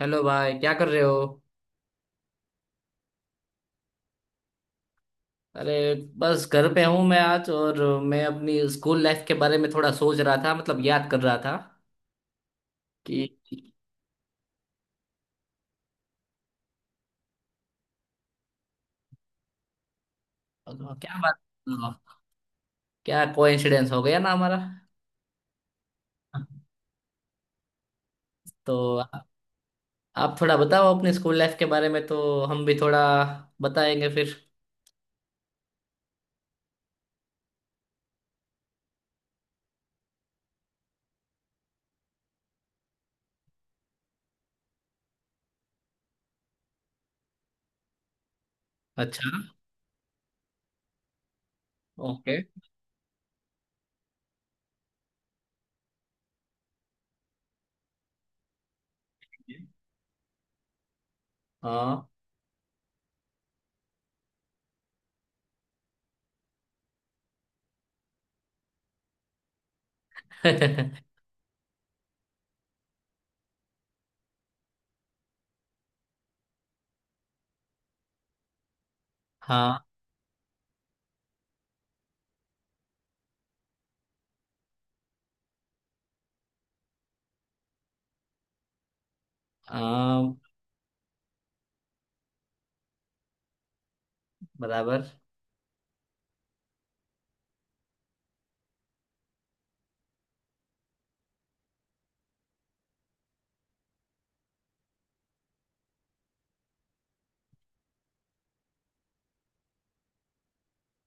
Hello भाई, क्या कर रहे हो? अरे, बस घर पे हूँ मैं आज। और मैं अपनी स्कूल लाइफ के बारे में थोड़ा सोच रहा था, मतलब याद कर रहा था कि। क्या बात! क्या कोइंसिडेंस हो गया ना हमारा। तो आप थोड़ा बताओ अपनी स्कूल लाइफ के बारे में, तो हम भी थोड़ा बताएंगे फिर। अच्छा। ओके। हाँ। हाँ हाँ, बराबर।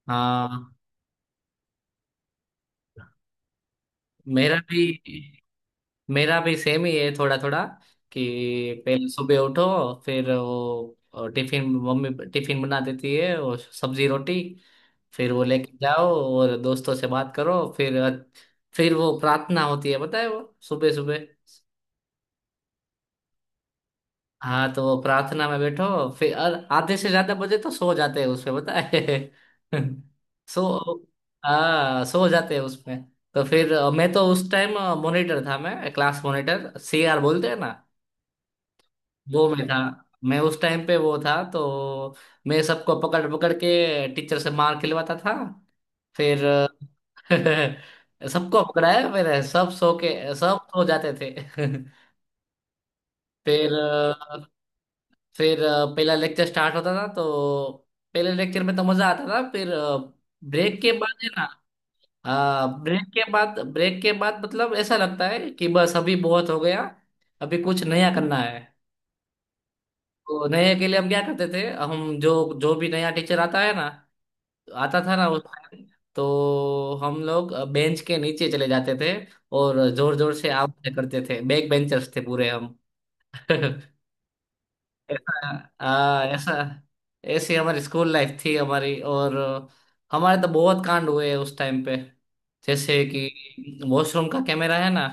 हाँ, मेरा भी मेरा भी सेम ही है थोड़ा थोड़ा। कि पहले सुबह उठो। फिर वो टिफिन, मम्मी टिफिन बना देती है और सब्जी रोटी। फिर वो लेके जाओ और दोस्तों से बात करो फिर। फिर वो प्रार्थना होती है बताए वो, सुबह सुबह। हाँ, तो वो प्रार्थना में बैठो, फिर आधे से ज्यादा बजे तो सो जाते हैं उसमें बताए। सो, हाँ, सो जाते हैं उसमें। तो फिर मैं तो उस टाइम मॉनिटर था, मैं क्लास मॉनिटर, सीआर बोलते हैं ना। वो मैं था। मैं उस टाइम पे वो था तो। मैं सबको पकड़ पकड़ के टीचर से मार खिलवाता था। फिर। सबको पकड़ाया फिर सब सो के सब सो जाते थे। फिर अ, फिर पहला लेक्चर स्टार्ट होता था तो। पहले लेक्चर में तो मजा आता था फिर। ब्रेक के बाद है ना। ब्रेक के बाद मतलब ऐसा लगता है कि बस अभी बहुत हो गया। अभी कुछ नया करना है। तो नए के लिए हम क्या करते थे? हम जो जो भी नया टीचर आता है ना, आता था ना उस time, तो हम लोग बेंच के नीचे चले जाते थे। और जोर जोर से आवाजें करते थे, बैक बेंचर्स थे पूरे हम। ऐसा। हाँ, ऐसा। ऐसी हमारी स्कूल लाइफ थी हमारी। और। हमारे तो बहुत कांड हुए हैं उस टाइम पे। जैसे कि वॉशरूम का कैमरा है ना,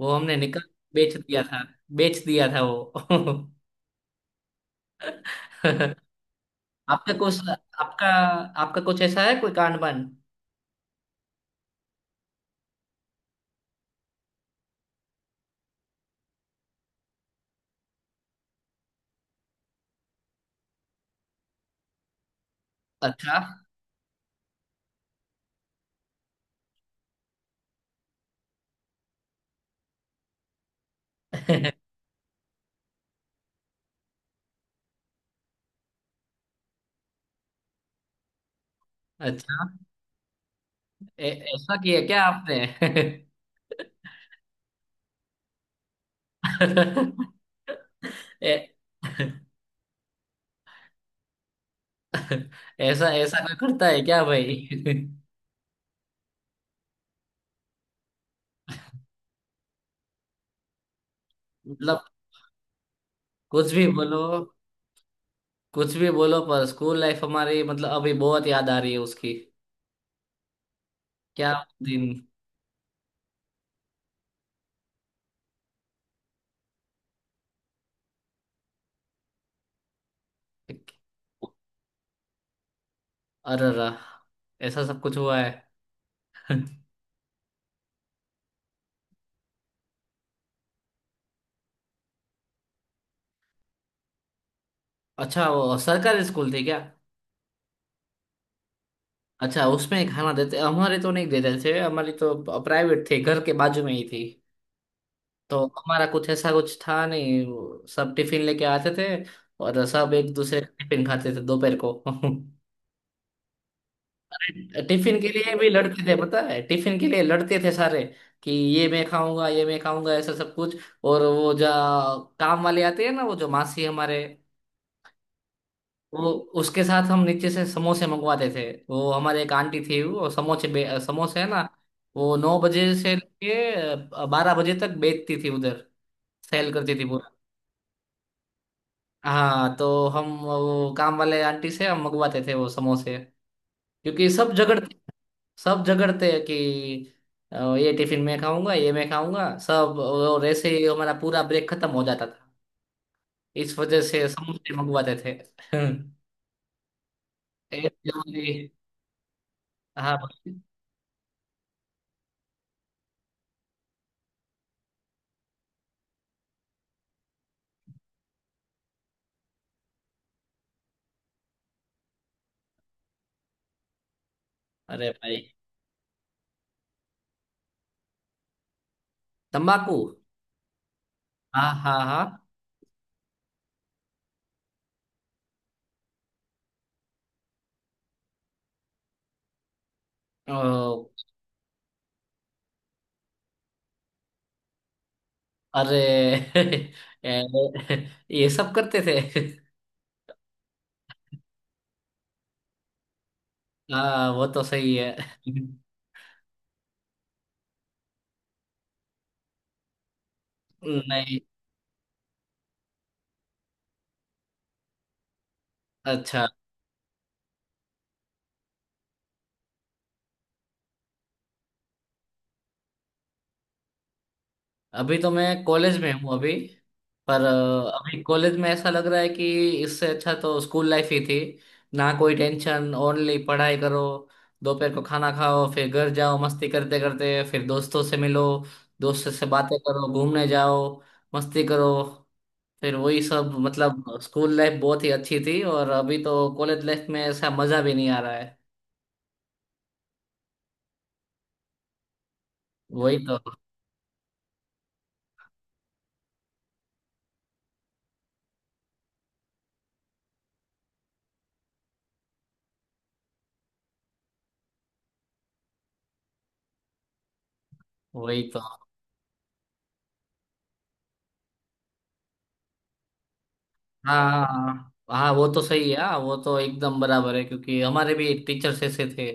वो हमने निकाल बेच दिया था। बेच दिया था वो। आपका कुछ आपका आपका कुछ ऐसा है कोई कांड बन। अच्छा। अच्छा, ऐसा किया क्या आपने? ए, ऐसा ऐसा कोई करता है क्या भाई? मतलब, कुछ भी बोलो, कुछ भी बोलो, पर स्कूल लाइफ हमारी मतलब अभी बहुत याद आ रही है उसकी। क्या दिन! अरे रा! ऐसा सब कुछ हुआ है। अच्छा, वो सरकारी स्कूल थी क्या? अच्छा, उसमें खाना देते? हमारे तो नहीं देते थे। हमारी तो प्राइवेट थी, घर के बाजू में ही थी। तो हमारा कुछ ऐसा कुछ था नहीं, वो सब टिफिन लेके आते थे। और सब एक दूसरे का टिफिन खाते थे दोपहर को। टिफिन के लिए भी लड़ते थे पता है, टिफिन के लिए लड़ते थे सारे, कि ये मैं खाऊंगा, ये मैं खाऊंगा, ऐसा सब कुछ। और वो जो काम वाले आते हैं ना, वो जो मासी हमारे, वो, उसके साथ हम नीचे से समोसे मंगवाते थे। वो हमारे एक आंटी थी, वो समोसे समोसे है ना। वो 9 बजे से लेके 12 बजे तक बेचती थी उधर। सेल करती थी। हाँ, तो हम वो काम वाले आंटी से हम मंगवाते थे वो समोसे। क्योंकि सब झगड़ते हैं कि ये टिफिन मैं खाऊंगा, ये मैं खाऊंगा सब, और ऐसे ही हमारा पूरा ब्रेक खत्म हो जाता था। इस वजह से समोसे मंगवाते थे। ऐसे हमारी- हाँ भाई। अरे भाई, तम्बाकू। हाँ हाँ हाँ। ओ, अरे! ये सब करते थे। हाँ, वो तो सही है। नहीं। अच्छा। अभी तो मैं कॉलेज में हूँ अभी। पर अभी कॉलेज में ऐसा लग रहा है कि इससे अच्छा तो स्कूल लाइफ ही थी। ना कोई टेंशन, ओनली पढ़ाई करो। दोपहर को खाना खाओ, फिर घर जाओ, मस्ती करते करते फिर दोस्तों से मिलो। दोस्तों से बातें करो, घूमने जाओ। मस्ती करो। फिर वही सब, मतलब स्कूल लाइफ बहुत ही अच्छी थी और अभी तो कॉलेज लाइफ में ऐसा मजा भी नहीं आ रहा है। वही तो। वही तो। हाँ हाँ हाँ हाँ, वो तो सही है। हाँ, वो तो एकदम बराबर है क्योंकि हमारे भी एक टीचर्स ऐसे थे।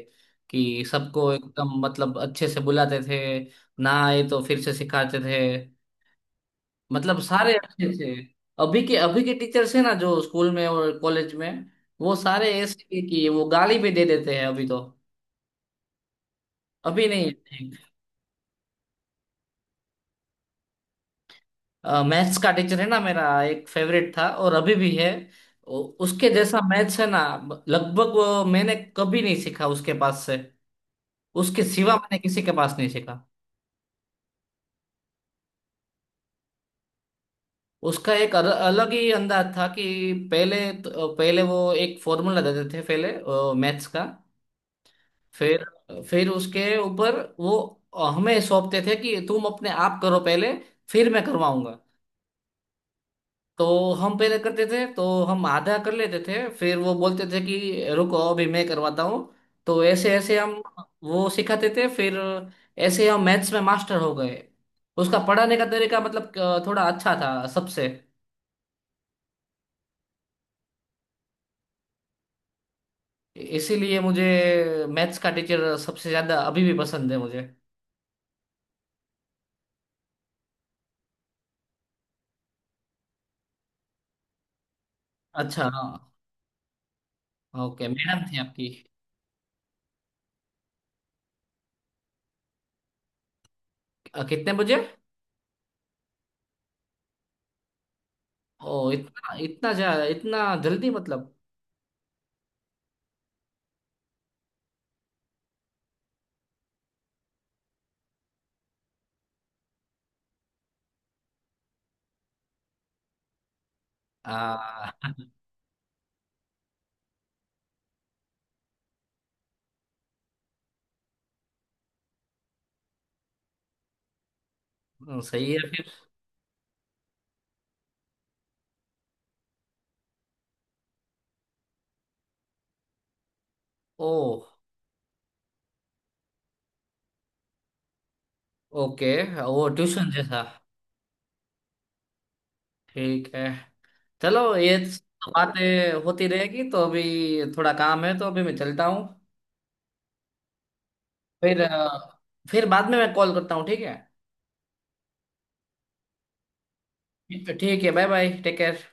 कि सबको एकदम मतलब अच्छे से बुलाते थे। ना आए तो फिर से सिखाते थे। मतलब सारे अच्छे थे। अभी के टीचर्स है ना जो स्कूल में और कॉलेज में। वो सारे ऐसे हैं कि वो गाली भी दे देते हैं अभी तो। अभी नहीं है। मैथ्स का टीचर है ना मेरा, एक फेवरेट था और अभी भी है। उसके जैसा मैथ्स है ना, लगभग वो मैंने कभी नहीं सीखा उसके पास से। उसके सिवा मैंने किसी के पास नहीं सीखा। उसका एक अलग ही अंदाज था कि। पहले वो एक फॉर्मूला देते थे पहले। मैथ्स का। फिर फिर उसके ऊपर वो हमें सौंपते थे कि तुम अपने आप करो पहले। फिर मैं करवाऊंगा। तो हम पहले करते थे तो हम आधा कर लेते थे, फिर वो बोलते थे कि रुको, अभी मैं करवाता हूँ। तो ऐसे ऐसे हम। वो सिखाते थे फिर। ऐसे हम मैथ्स में मास्टर हो गए। उसका पढ़ाने का तरीका मतलब थोड़ा अच्छा था सबसे। इसीलिए मुझे। मैथ्स का टीचर सबसे ज्यादा अभी भी पसंद है मुझे। अच्छा हाँ। ओके, मैडम थी आपकी? कितने बजे? ओ, इतना इतना जा इतना जल्दी मतलब। आ, सही है फिर। ओ। ओके। वो ट्यूशन जैसा। ठीक है, चलो ये सब बातें होती रहेगी तो अभी। थोड़ा काम है तो अभी मैं चलता हूँ। फिर फिर बाद में मैं कॉल करता हूँ, ठीक है। ठीक है, बाय बाय, टेक केयर।